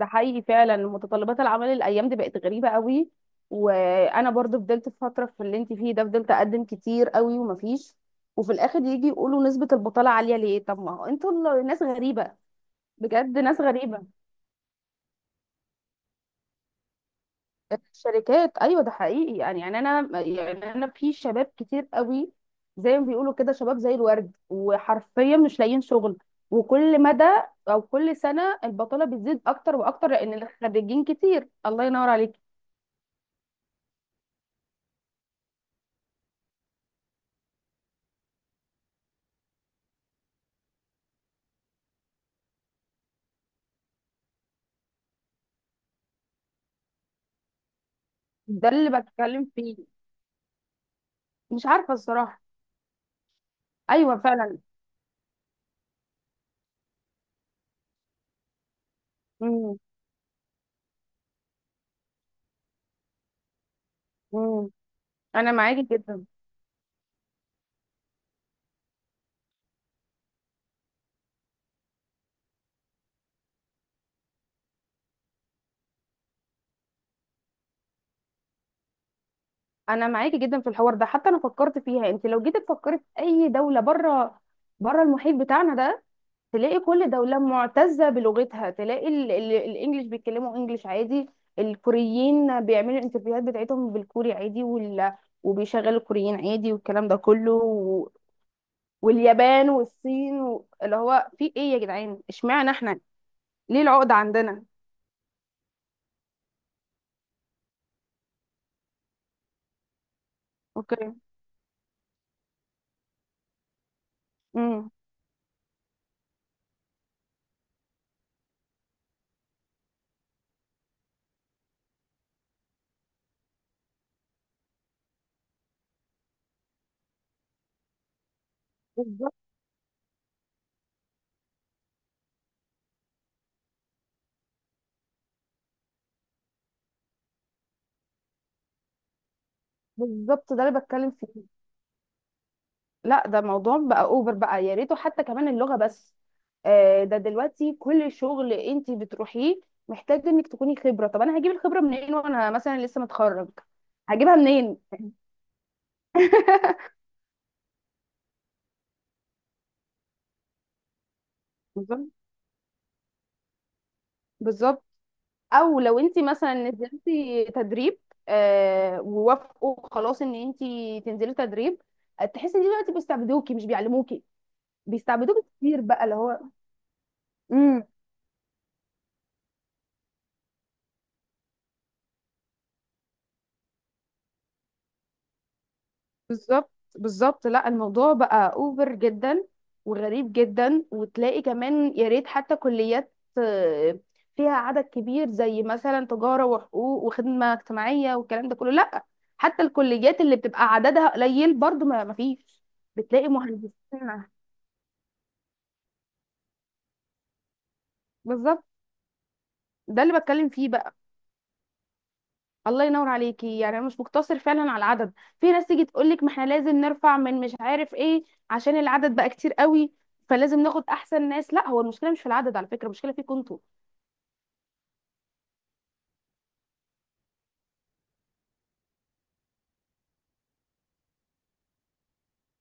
ده حقيقي فعلا، متطلبات العمل الايام دي بقت غريبه قوي. وانا برضو فضلت في فتره في اللي انت فيه ده، فضلت اقدم كتير قوي ومفيش. وفي الاخر يجي يقولوا نسبه البطاله عاليه ليه، طب ما هو انتوا ناس غريبه. بجد ناس غريبه. الشركات ايوه، ده حقيقي. انا في شباب كتير قوي زي ما بيقولوا كده، شباب زي الورد وحرفيا مش لاقيين شغل. وكل مدى او كل سنه البطاله بتزيد اكتر واكتر، لان الخريجين كتير. الله ينور عليك. ده اللي بتكلم فيه. مش عارفه الصراحه. ايوه فعلا. امم امم. انا معاكي جدا. انا معاكي جدا في الحوار ده. حتى انا فكرت فيها، انت لو جيتي تفكري في اي دوله بره، بره المحيط بتاعنا ده، تلاقي كل دوله معتزه بلغتها. تلاقي الانجليش بيتكلموا انجليش عادي. الكوريين بيعملوا الانترفيوهات بتاعتهم بالكوري عادي وبيشغلوا الكوريين عادي، والكلام ده كله. واليابان والصين اللي هو في ايه يا جدعان، اشمعنى احنا؟ ليه العقدة عندنا؟ اوكي. امم. بالظبط. بالظبط ده اللي بتكلم فيه. لا، ده موضوع بقى اوفر بقى، يا ريته حتى كمان اللغه بس. آه، ده دلوقتي كل شغل انت بتروحيه محتاج انك تكوني خبره. طب انا هجيب الخبره منين وانا مثلا لسه متخرج؟ هجيبها منين؟ بالظبط. بالظبط. او لو انت مثلا نزلتي تدريب، آه، ووافقوا خلاص ان انت تنزلي تدريب، تحسي ان دلوقتي بيستعبدوكي مش بيعلموكي. بيستعبدوكي كتير بقى، اللي هو. مم. بالظبط. بالظبط. لا الموضوع بقى اوفر جدا وغريب جدا. وتلاقي كمان يا ريت، حتى كليات آه، فيها عدد كبير زي مثلا تجارة وحقوق وخدمة اجتماعية والكلام ده كله، لا. حتى الكليات اللي بتبقى عددها قليل برضو ما فيش. بتلاقي مهندسين. بالظبط ده اللي بتكلم فيه بقى. الله ينور عليكي. يعني انا مش مقتصر فعلا على العدد. في ناس تيجي تقول لك ما احنا لازم نرفع من مش عارف ايه، عشان العدد بقى كتير قوي فلازم ناخد احسن ناس. لا، هو المشكله مش في العدد على فكره، المشكله فيكم انتوا.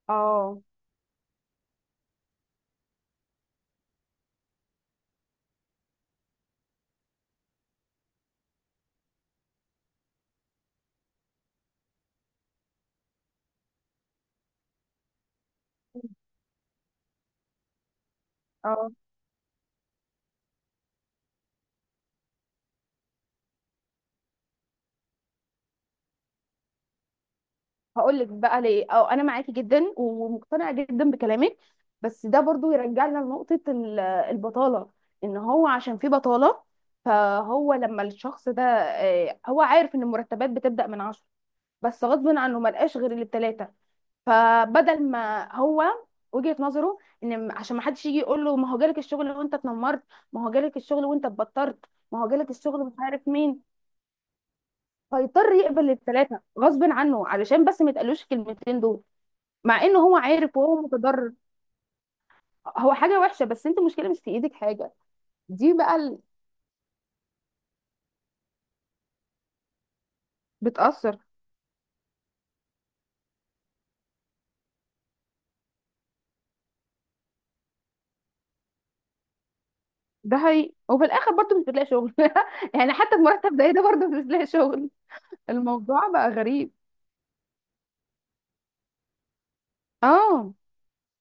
اه. اه. هقول لك بقى ليه. اه، انا معاكي جدا ومقتنعه جدا بكلامك، بس ده برضو يرجعنا لنقطه البطاله. ان هو عشان في بطاله، فهو لما الشخص ده آه، هو عارف ان المرتبات بتبدا من عشرة، بس غصب عنه ملقاش غير الثلاثه. فبدل ما هو، وجهة نظره ان عشان ما حدش يجي يقول له ما هو جالك الشغل وانت اتنمرت، ما هو جالك الشغل وانت اتبطرت، ما هو جالك الشغل مش عارف مين. فيضطر يقبل الثلاثه غصب عنه، علشان بس ما يتقالوش الكلمتين دول، مع انه هو عارف وهو متضرر. هو حاجه وحشه، بس انت المشكله مش في ايدك حاجه. دي بقى بتأثر. ده هي وفي الاخر برضه مش بتلاقي شغل. يعني حتى بمرتب زي ده برضه مش بتلاقي شغل. الموضوع بقى غريب. اه.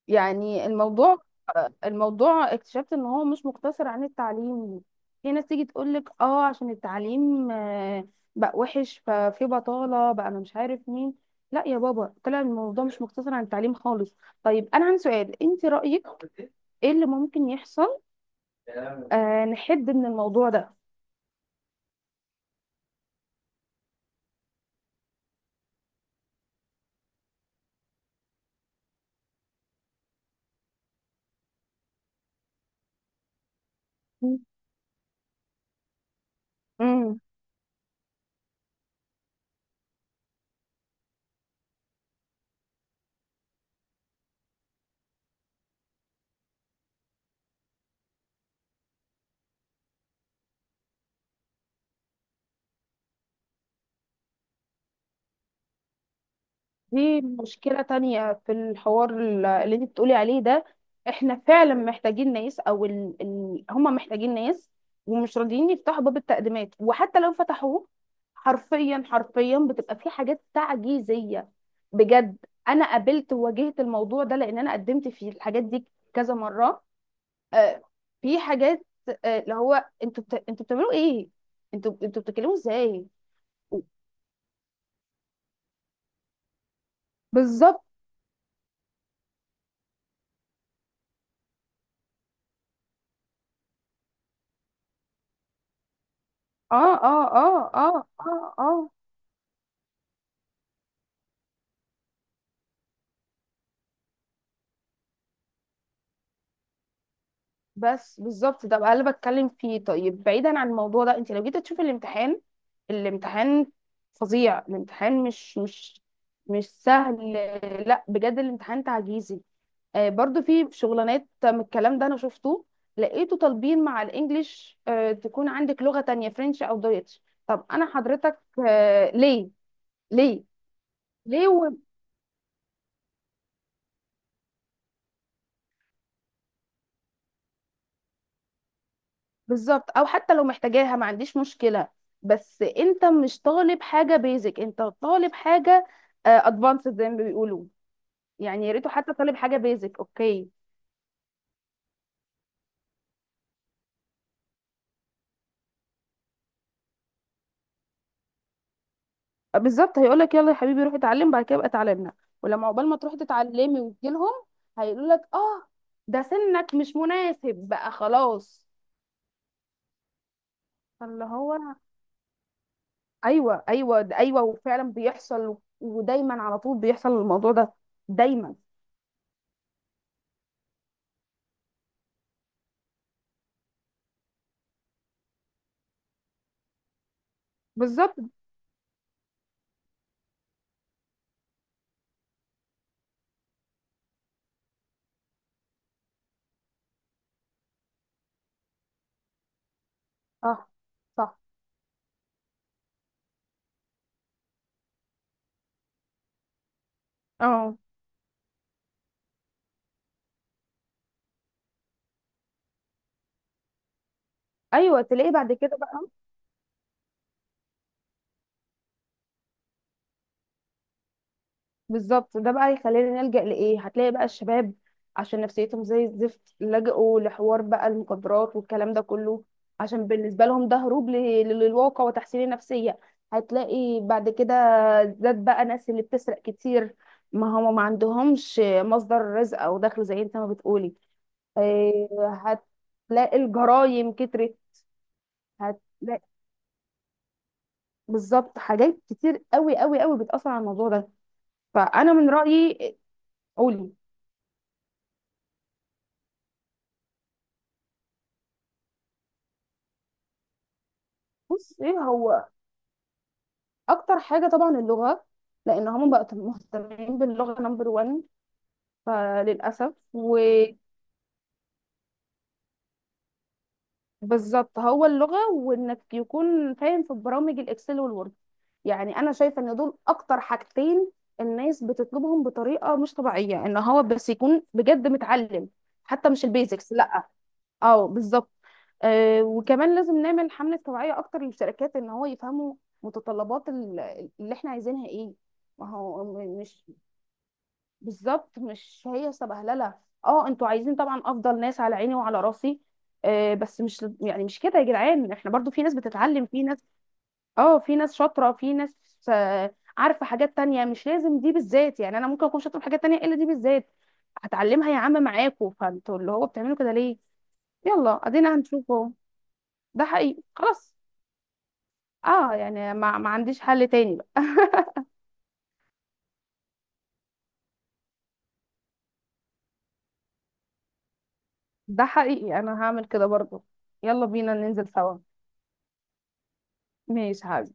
يعني الموضوع، الموضوع اكتشفت ان هو مش مقتصر عن التعليم. في ناس تيجي تقولك اه عشان التعليم آه، بقى وحش ففي بطالة بقى انا مش عارف مين. لا يا بابا، طلع الموضوع مش مقتصر عن التعليم خالص. طيب انا عندي سؤال، انت رأيك ايه اللي ممكن يحصل، آه، نحد من الموضوع ده؟ مم. دي مشكلة تانية في الحوار اللي انت بتقولي عليه ده. احنا فعلا محتاجين ناس، او هم محتاجين ناس ومش راضيين يفتحوا باب التقديمات. وحتى لو فتحوه، حرفيا حرفيا بتبقى في حاجات تعجيزية، بجد. انا قابلت وواجهت الموضوع ده لان انا قدمت في الحاجات دي كذا مرة. آه. في حاجات، آه، اللي هو انتوا بتعملوا ايه، انتوا بتتكلموا ازاي؟ بالظبط. اه. بس بالظبط ده بقى اللي بتكلم فيه. طيب بعيدا عن الموضوع ده، انت لو جيت تشوفي الامتحان، الامتحان فظيع. الامتحان مش سهل. لا بجد الامتحان تعجيزي. آه، برضو في شغلانات من الكلام ده انا شفته، لقيته طالبين مع الانجليش آه تكون عندك لغة تانية فرنش او دويتش. طب انا حضرتك آه ليه؟ ليه؟ ليه؟ بالظبط. او حتى لو محتاجاها ما عنديش مشكله، بس انت مش طالب حاجه بيزك، انت طالب حاجه ادفانسد زي ما بيقولوا. يعني يا ريته حتى طالب حاجه بيزك، اوكي. آه، بالظبط. هيقولك يلا يا حبيبي روح اتعلم، بعد كده ابقى اتعلمنا. ولما عقبال ما تروحي تتعلمي وتجيلهم، هيقولولك اه ده سنك مش مناسب بقى خلاص. فاللي هو، ايوه ايوه ده ايوه وفعلا بيحصل، ودايما على طول بيحصل الموضوع ده، دايما. بالظبط. اه. صح. اه. ايوه تلاقيه بعد كده بقى. بالظبط ده بقى يخلينا نلجأ لايه. هتلاقي بقى الشباب عشان نفسيتهم زي الزفت لجأوا لحوار بقى المخدرات والكلام ده كله، عشان بالنسبه لهم ده هروب للواقع وتحسين النفسيه. هتلاقي بعد كده زاد بقى ناس اللي بتسرق كتير، ما هم ما عندهمش مصدر رزق او دخل زي انت ما بتقولي. إيه، هتلاقي الجرايم كترت. هتلاقي، بالظبط، حاجات كتير قوي قوي قوي بتأثر على الموضوع ده. فانا من رأيي، قولي. بص ايه هو، اكتر حاجه طبعا اللغه، لان هم بقوا مهتمين باللغه نمبر 1 فللاسف. وبالظبط، هو اللغه وانك يكون فاهم في برامج الاكسل والوورد. يعني انا شايفه ان دول اكتر حاجتين الناس بتطلبهم بطريقه مش طبيعيه، ان هو بس يكون بجد متعلم، حتى مش البيزكس لا. اه بالظبط. آه وكمان لازم نعمل حملة توعية أكتر للشركات، إن هو يفهموا متطلبات اللي إحنا عايزينها إيه. ما هو مش، بالظبط، مش هي سبهللة. اه انتوا عايزين طبعا أفضل ناس، على عيني وعلى راسي، آه، بس مش يعني مش كده يا جدعان. احنا برضو في ناس بتتعلم، في ناس، اه، في ناس شاطرة، في ناس آه عارفة حاجات تانية مش لازم دي بالذات. يعني أنا ممكن أكون شاطرة في حاجات تانية إلا دي بالذات. هتعلمها يا عم معاكوا. فانتوا اللي هو بتعملوا كده ليه؟ يلا ادينا هنشوفه. ده حقيقي خلاص. اه، يعني ما عنديش حل تاني بقى. ده حقيقي انا هعمل كده برضه. يلا بينا ننزل سوا. ماشي حبيبي.